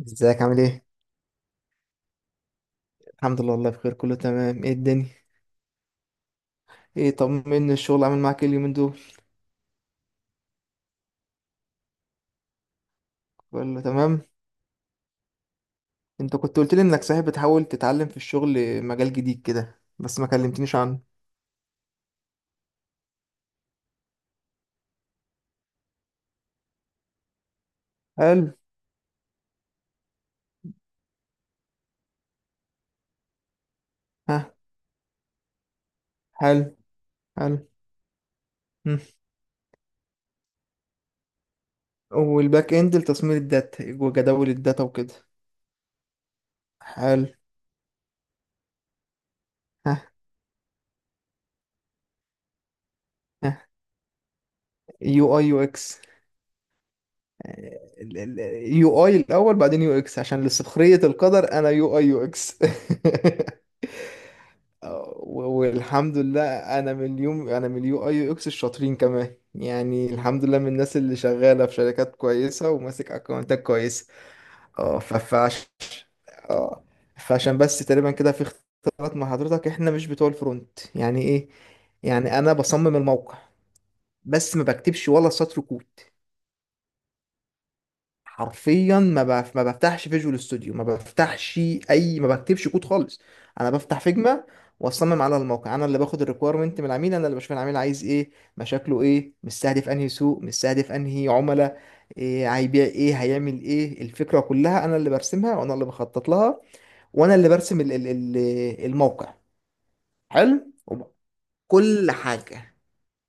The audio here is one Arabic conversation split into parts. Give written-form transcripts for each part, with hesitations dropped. ازيك عامل ايه؟ الحمد لله والله بخير، كله تمام. ايه الدنيا؟ ايه، طمني الشغل عامل معاك ايه اليومين دول؟ كله تمام؟ انت كنت قلت لي انك صحيح بتحاول تتعلم في الشغل مجال جديد كده، بس ما كلمتنيش عنه. حلو. ها. حلو. حلو. مم. والباك اند لتصميم الداتا وجداول الداتا وكده. حلو. ها. ها. يو اي يو اكس. يو اي الاول بعدين يو اكس، عشان لسخرية القدر انا يو اي يو اكس و- والحمد لله. انا من اليو اي يو اكس الشاطرين كمان، يعني الحمد لله من الناس اللي شغاله في شركات كويسه وماسك اكونتات كويسه. اه ف- فعش... اه، فعشان بس تقريبا كده في اختلاط مع حضرتك، احنا مش بتوع الفرونت. يعني ايه؟ يعني انا بصمم الموقع بس ما بكتبش ولا سطر كود. حرفيا ما بفتحش فيجوال ستوديو، ما بفتحش اي، ما بكتبش كود خالص. انا بفتح فيجما واصمم على الموقع. انا اللي باخد الريكويرمنت من العميل، انا اللي بشوف العميل عايز ايه، مشاكله ايه، مستهدف انهي سوق، مستهدف انهي عملاء، إيه هيبيع، ايه هيعمل. ايه الفكره كلها انا اللي برسمها وانا اللي بخطط لها، وانا اللي برسم الموقع. حلو وب- كل حاجه،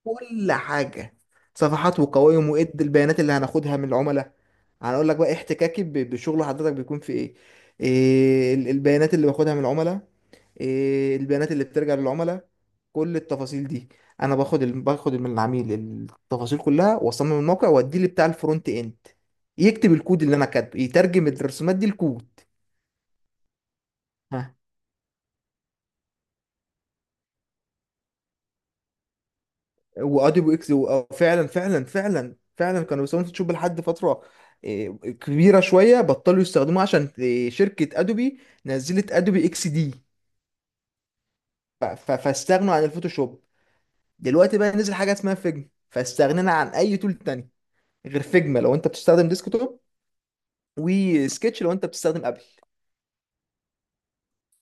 كل حاجة. صفحات وقوائم وإد البيانات اللي هناخدها من العملاء. هنقول لك بقى احتكاكي بشغل حضرتك بيكون في إيه. إيه البيانات اللي باخدها من العملاء، إيه البيانات اللي بترجع للعملاء، كل التفاصيل دي. أنا باخد من العميل التفاصيل كلها، وأصمم الموقع وأديه لبتاع الفرونت إند يكتب الكود. اللي أنا كاتبه يترجم الرسومات دي لكود. واديبو اكس، فعلا فعلا فعلا فعلا كانوا بيستخدموا فوتوشوب لحد فتره. إيه، كبيره شويه بطلوا يستخدموه، عشان إيه، شركه ادوبي نزلت ادوبي اكس دي. ف- ف- فاستغنوا عن الفوتوشوب. دلوقتي بقى نزل حاجه اسمها فيجما، فاستغنينا عن اي تول تاني غير فيجما لو انت بتستخدم ديسكتوب، وسكتش لو انت بتستخدم ابل.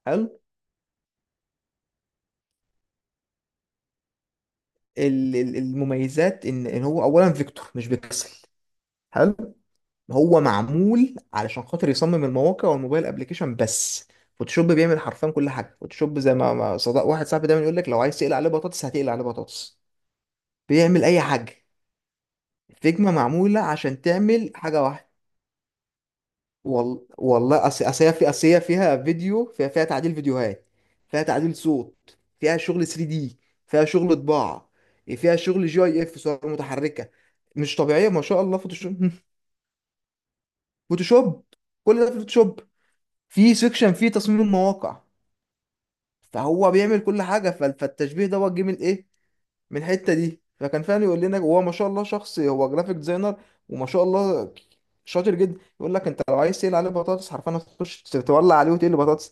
حلو. المميزات ان هو اولا فيكتور مش بيكسل. حلو. هو معمول علشان خاطر يصمم المواقع والموبايل ابلكيشن بس. فوتوشوب بيعمل حرفيا كل حاجه. فوتوشوب زي ما صدق واحد صاحبي دايما يقول لك، لو عايز تقلي عليه بطاطس هتقلي عليه بطاطس. بيعمل اي حاجه. فيجما معموله عشان تعمل حاجه واحده. وال... والله أصل هي أصل هي فيها فيديو، فيها تعديل فيديوهات، فيها تعديل صوت، فيها شغل 3 دي، فيها شغل طباعه، فيها شغل جي اي اف صور متحركه. مش طبيعيه ما شاء الله فوتوشوب فوتوشوب، كل ده في فوتوشوب. في سيكشن فيه تصميم المواقع. فهو بيعمل كل حاجه. فالتشبيه دوت جه من ايه؟ من الحته دي. فكان فعلا يقول لنا، هو ما شاء الله شخص هو جرافيك ديزاينر وما شاء الله شاطر جدا، يقول لك انت لو عايز تقلي عليه بطاطس حرفيا هتخش تولع عليه وتقلي بطاطس.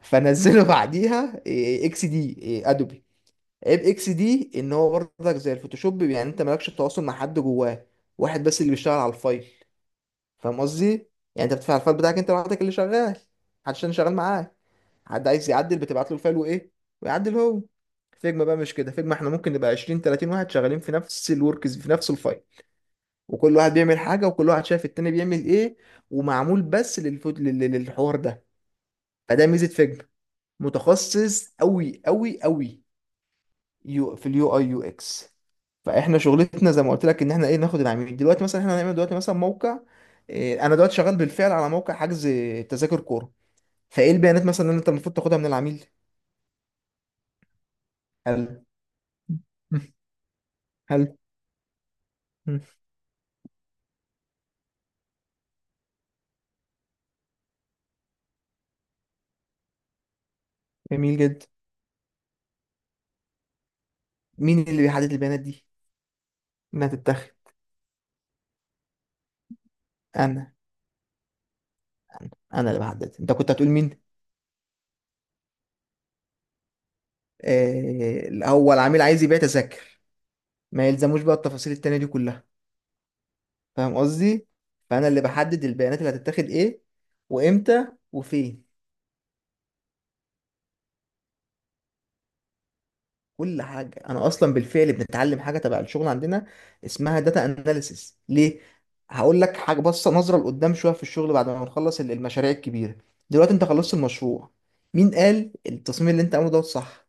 فنزله بعديها إيه، إيه، اكس دي إيه، ادوبي. عيب اكس دي ان هو برضك زي الفوتوشوب، يعني انت مالكش تواصل مع حد جواه. واحد بس اللي بيشتغل على الفايل، فاهم قصدي؟ يعني انت بتدفع الفايل بتاعك، انت لوحدك اللي شغال، محدش تاني شغال معاك. حد عايز يعدل بتبعت له الفايل وايه، ويعدل هو. فيجما بقى مش كده. فيجما احنا ممكن نبقى 20 30 واحد شغالين في نفس الوركز في نفس الفايل، وكل واحد بيعمل حاجه، وكل واحد شايف التاني بيعمل ايه. ومعمول بس للفوت للحوار ده. فده ميزه فيجما. متخصص قوي قوي قوي يو في اليو اي يو اكس. فاحنا شغلتنا زي ما قلت لك ان احنا ايه، ناخد العميل. دلوقتي مثلا احنا هنعمل دلوقتي مثلا موقع إيه. انا دلوقتي شغال بالفعل على موقع حجز تذاكر كوره. فايه البيانات مثلا اللي انت المفروض تاخدها من العميل؟ هل، هل، جميل جدا. مين اللي بيحدد البيانات دي انها تتاخد؟ انا انا أنا اللي بحدد. انت كنت هتقول مين؟ آه. هو العميل عايز يبيع تذاكر، ما يلزموش بقى التفاصيل التانية دي كلها. فاهم قصدي؟ فانا اللي بحدد البيانات اللي هتتاخد ايه، وامتى، وفين. كل حاجة. أنا أصلا بالفعل بنتعلم حاجة تبع الشغل عندنا اسمها داتا أناليسيس. ليه؟ هقول لك حاجة، بصة نظرة لقدام شوية في الشغل. بعد ما نخلص المشاريع الكبيرة، دلوقتي أنت خلصت المشروع. مين قال التصميم اللي أنت عامله ده صح؟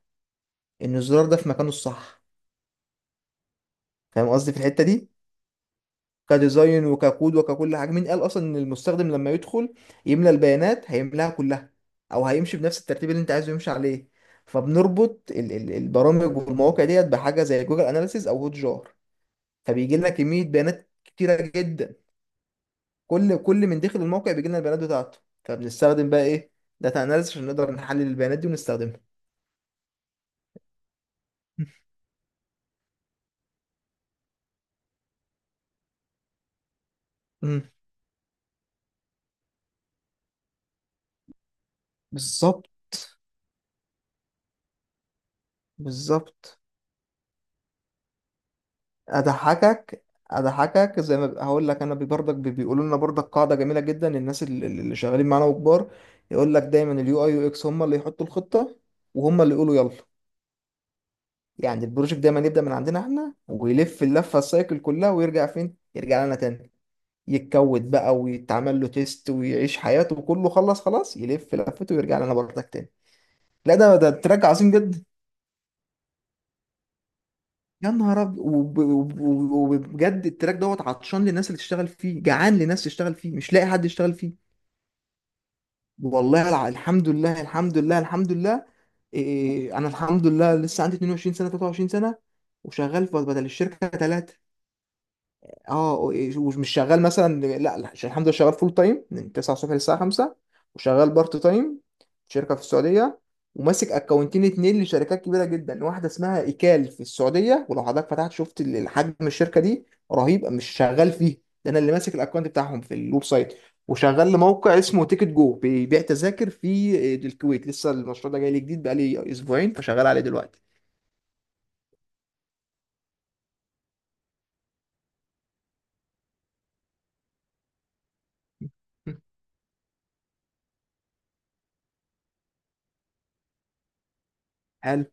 إن الزرار ده في مكانه الصح؟ فاهم قصدي في الحتة دي؟ كديزاين وككود وككل حاجة. مين قال أصلا إن المستخدم لما يدخل يملى البيانات هيملاها كلها؟ أو هيمشي بنفس الترتيب اللي أنت عايزه يمشي عليه؟ فبنربط البرامج والمواقع ديت بحاجة زي جوجل أناليسيز أو هوت جار. فبيجي لنا كمية بيانات كتيرة جدا. كل من داخل الموقع بيجي لنا البيانات بتاعته. فبنستخدم بقى ايه، داتا اناليسيس، عشان نقدر نحلل البيانات دي ونستخدمها. أمم، بالظبط، بالظبط. اضحكك، اضحكك زي ما ب- هقول لك، انا بيقولوا لنا برضك قاعده جميله جدا الناس اللي شغالين معانا وكبار. يقول لك دايما اليو اي يو اكس هم اللي يحطوا الخطه، وهم اللي يقولوا يلا. يعني البروجكت دايما يبدا من عندنا احنا، ويلف اللفه السايكل كلها، ويرجع فين؟ يرجع لنا تاني. يتكود بقى ويتعمل له تيست ويعيش حياته، وكله خلص خلاص يلف لفته ويرجع لنا بردك تاني. لا، ده تراك عظيم جدا. يا نهار ابيض وبجد التراك دوت عطشان للناس اللي تشتغل فيه، جعان لناس تشتغل فيه، مش لاقي حد يشتغل فيه. الحمد لله، الحمد لله، الحمد لله. إيه، إيه، إيه، انا الحمد لله لسه عندي 22 سنه 23 سنه، وشغال بدل الشركه 3. اه. ومش شغال مثلا لا لا، عشان الحمد لله شغال فول تايم من 9 الصبح للساعه 5، وشغال بارت تايم في شركه في السعوديه. وماسك اكونتين اتنين لشركات كبيره جدا، واحده اسمها ايكال في السعوديه، ولو حضرتك فتحت شفت حجم الشركه دي رهيب، مش شغال فيه. ده انا اللي ماسك الاكونت بتاعهم في الويب سايت. وشغال لموقع اسمه تيكت جو بيبيع تذاكر في الكويت، لسه المشروع ده جاي لي جديد بقالي اسبوعين، فشغال عليه دلوقتي. مم. حلو.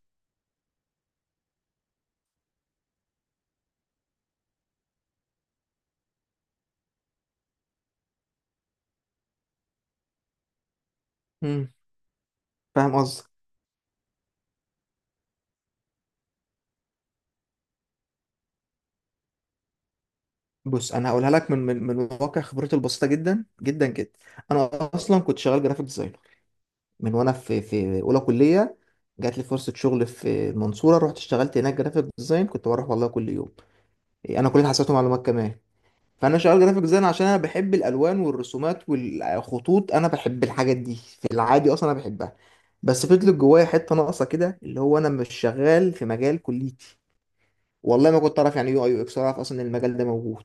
مم. فاهم قصدك. بص انا هقولها لك من واقع خبرتي البسيطه جدا جدا جدا. انا اصلا كنت شغال جرافيك ديزاينر من وانا في اولى كليه. جات لي فرصه شغل في المنصوره، رحت اشتغلت هناك جرافيك ديزاين، كنت بروح والله كل يوم. انا كليه حاسبات ومعلومات كمان. فانا شغال جرافيك ديزاين عشان انا بحب الالوان والرسومات والخطوط. انا بحب الحاجات دي في العادي اصلا، انا بحبها. بس فضلت جوايا حته ناقصه كده، اللي هو انا مش شغال في مجال كليتي. والله ما كنت اعرف يعني ايه يو اي يو اكس، اعرف اصلا ان المجال ده موجود،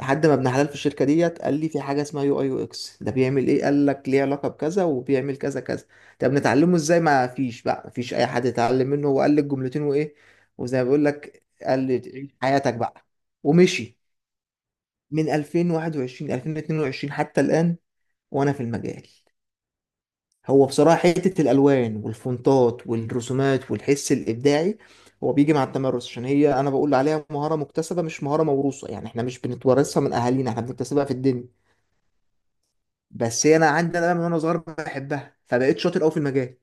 لحد ما ابن حلال في الشركه ديت قال لي في حاجه اسمها يو اي يو اكس. ده بيعمل ايه؟ قال لك ليه علاقه بكذا وبيعمل كذا كذا. طب نتعلمه ازاي؟ ما فيش بقى، ما فيش اي حد يتعلم منه. هو قال لي الجملتين وايه، وزي ما بيقول لك قال لي تعيش حياتك بقى. ومشي. من 2021 2022 حتى الان وانا في المجال. هو بصراحه حته الالوان والفونتات والرسومات والحس الابداعي، هو بيجي مع التمرس. عشان هي انا بقول عليها مهاره مكتسبه مش مهاره موروثه، يعني احنا مش بنتورثها من اهالينا، احنا بنكتسبها في الدنيا. بس هي انا عندي انا بقى من وانا صغير بحبها، فبقيت شاطر قوي في المجال،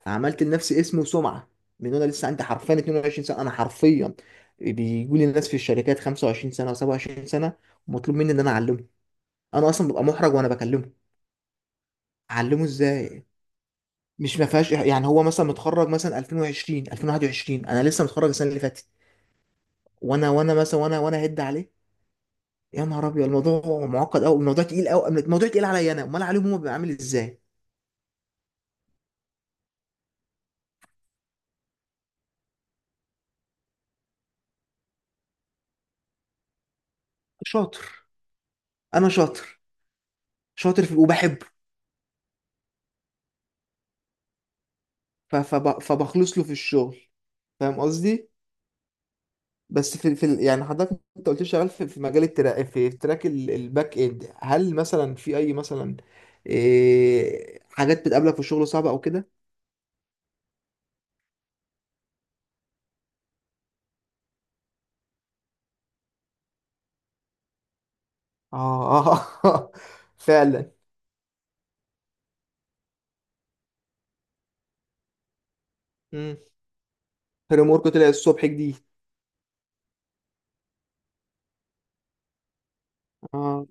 فعملت لنفسي اسم وسمعه من وانا لسه عندي حرفيا 22 سنه. انا حرفيا بيجوا لي الناس في الشركات 25 سنه و27 سنه، ومطلوب مني ان انا اعلمه. انا اصلا ببقى محرج وانا بكلمه اعلمه ازاي. مش ما فيهاش يعني، هو مثلا متخرج مثلا 2020 2021، انا لسه متخرج السنه اللي فاتت، وانا وانا مثلا وانا وانا هد عليه. يا نهار ابيض الموضوع معقد قوي، الموضوع تقيل قوي، الموضوع تقيل عليا انا، امال عليهم هم بيبقى عامل ازاي. شاطر. انا شاطر، شاطر في وبحبه. فبخلص له في الشغل، فاهم قصدي. بس في يعني حضرتك انت قلت لي شغال في مجال التراك، في تراك الباك اند، هل مثلا في اي مثلا إيه حاجات بتقابلك في الشغل صعبه او كده؟ اه فعلا. امم، فريم ورك طلع الصبح جديد. اه.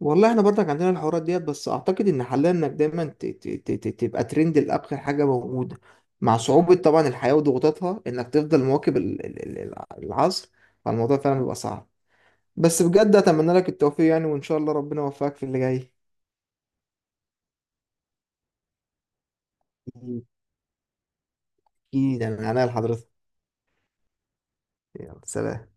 والله احنا برضك عندنا الحوارات ديت، بس اعتقد ان حلها انك دايما تبقى ترند لاخر حاجه موجوده، مع صعوبه طبعا الحياه وضغوطاتها، انك تفضل مواكب العصر. فالموضوع فعلا بيبقى صعب، بس بجد اتمنى لك التوفيق، يعني وان شاء الله ربنا يوفقك في اللي جاي. اكيد يعني، من عناية لحضرتك. يلا سلام.